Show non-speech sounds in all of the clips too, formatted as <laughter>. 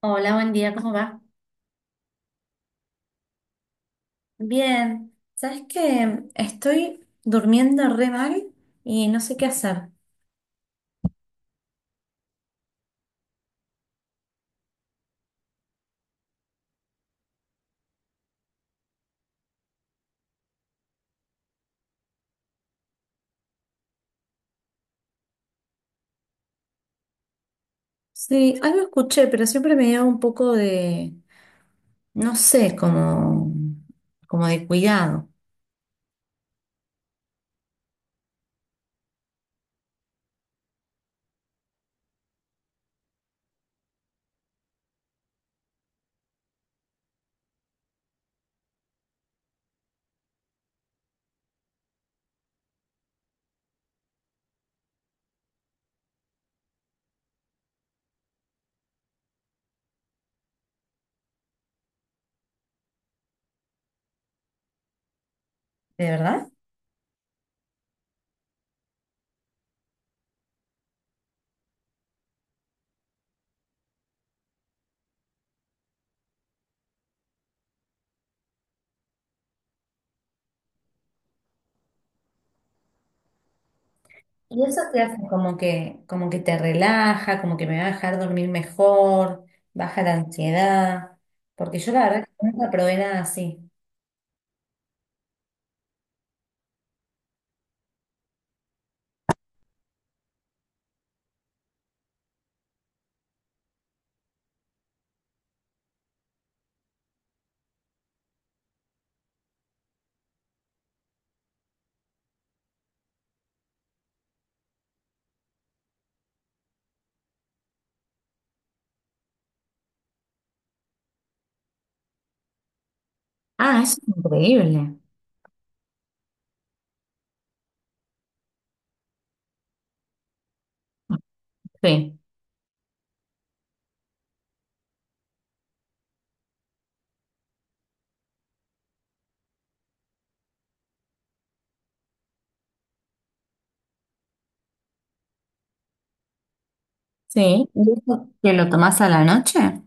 Hola, buen día, ¿cómo va? Bien, ¿sabes qué? Estoy durmiendo re mal y no sé qué hacer. Sí, algo escuché, pero siempre me dio un poco de, no sé, como, como de cuidado. ¿De verdad? Y eso te hace como que te relaja, como que me va a dejar dormir mejor, baja la ansiedad, porque yo la verdad que nunca probé nada así. Ah, eso es increíble. Sí, sí. ¿Y eso que lo tomás a la noche?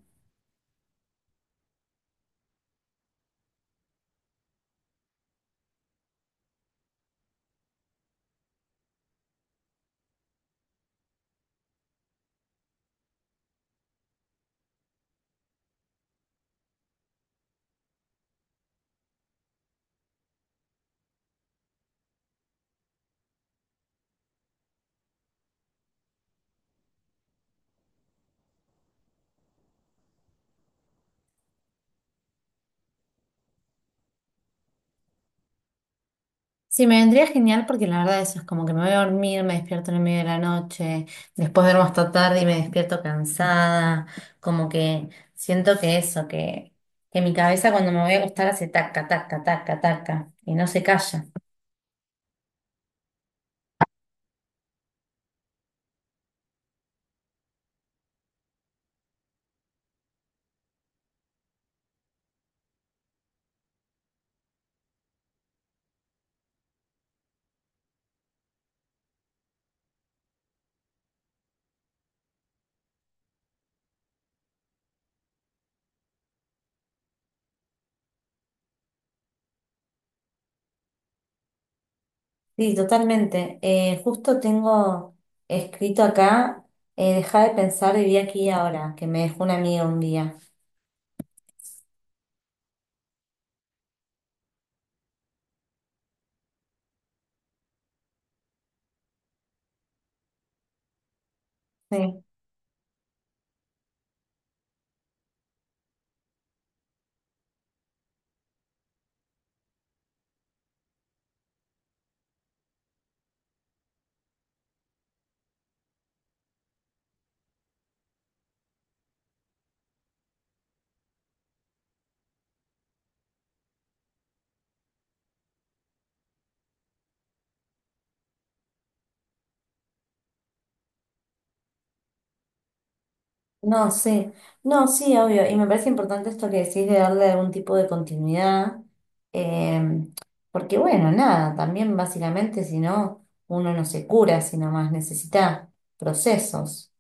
Sí, me vendría genial porque la verdad eso es como que me voy a dormir, me despierto en el medio de la noche, después duermo hasta tarde y me despierto cansada, como que siento que eso, que mi cabeza cuando me voy a acostar hace taca, taca, taca, taca y no se calla. Sí, totalmente. Justo tengo escrito acá, deja de pensar, viví aquí y ahora, que me dejó un amigo un día. No, sí, no, sí, obvio. Y me parece importante esto que decís de darle algún tipo de continuidad, eh, porque bueno, nada, también básicamente si no, uno no se cura, sino más necesita procesos.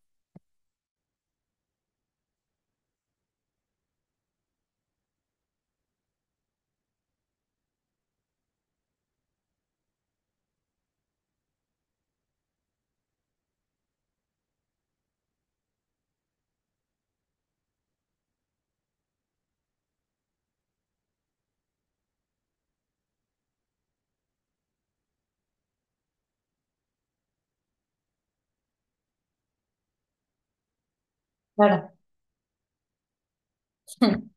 Claro. <laughs>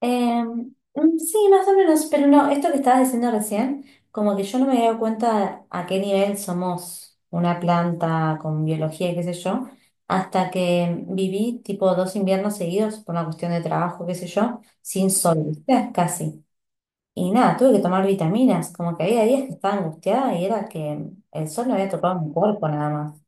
Sí, más o menos, pero no, esto que estabas diciendo recién, como que yo no me había dado cuenta a qué nivel somos una planta con biología y qué sé yo, hasta que viví tipo dos inviernos seguidos por una cuestión de trabajo, qué sé yo, sin sol, ¿viste? Casi. Y nada, tuve que tomar vitaminas, como que había días que estaba angustiada y era que el sol no había tocado mi cuerpo nada más.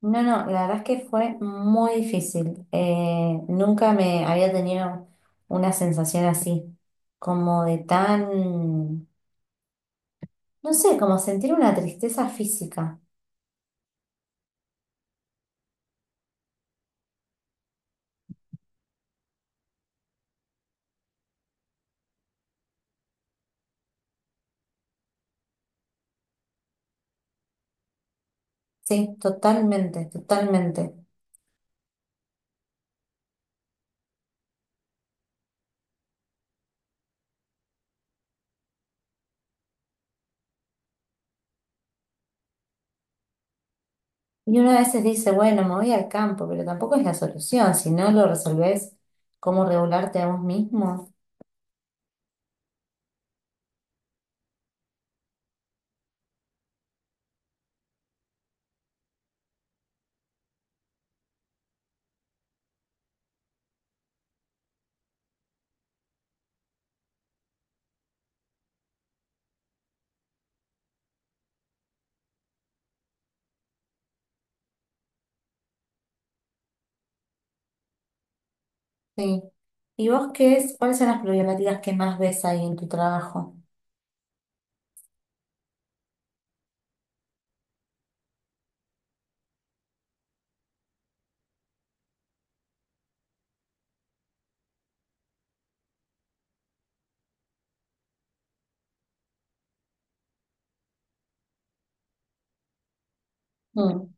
No, no, la verdad es que fue muy difícil. Nunca me había tenido una sensación así, como de tan, no sé, como sentir una tristeza física. Sí, totalmente, totalmente. Y uno a veces dice, bueno, me voy al campo, pero tampoco es la solución. Si no lo resolvés, ¿cómo regularte a vos mismo? Sí. ¿Y vos qué es? ¿Cuáles son las problemáticas que más ves ahí en tu trabajo? Mm,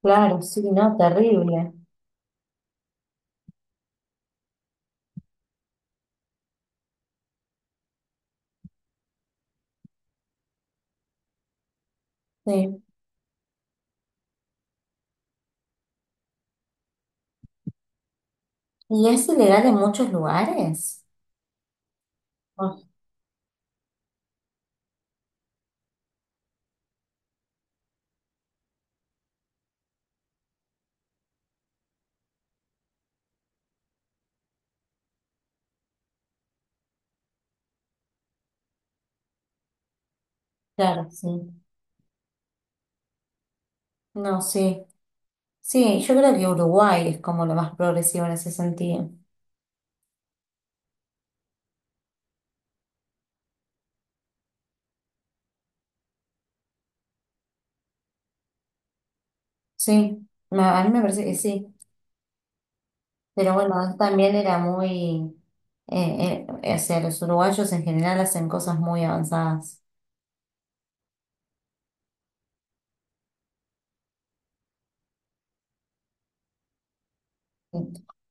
claro, sí, no, terrible. Sí. Y es ilegal en muchos lugares. Ah, claro, sí. No, sí. Sí, yo creo que Uruguay es como lo más progresivo en ese sentido. Sí, ma- a mí me parece que sí. Pero bueno, él también era muy... O sea, los uruguayos en general hacen cosas muy avanzadas. Sí.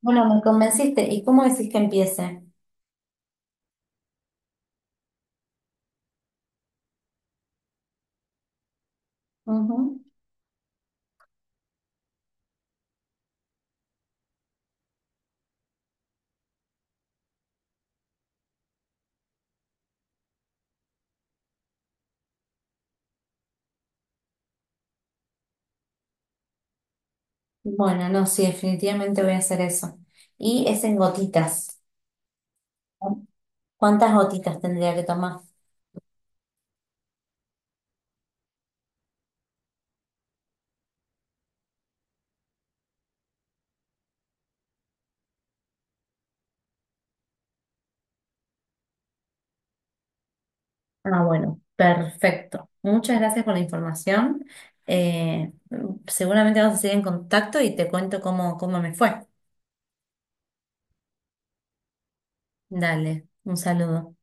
Bueno, me convenciste. ¿Y cómo decís que empiece? Ujú. Bueno, no, sí, definitivamente voy a hacer eso. Y es en gotitas. ¿No? ¿Cuántas gotitas tendría que tomar? Ah, bueno, perfecto. Muchas gracias por la información. Eh, Seguramente vamos a seguir en contacto y te cuento cómo me fue. Dale, un saludo.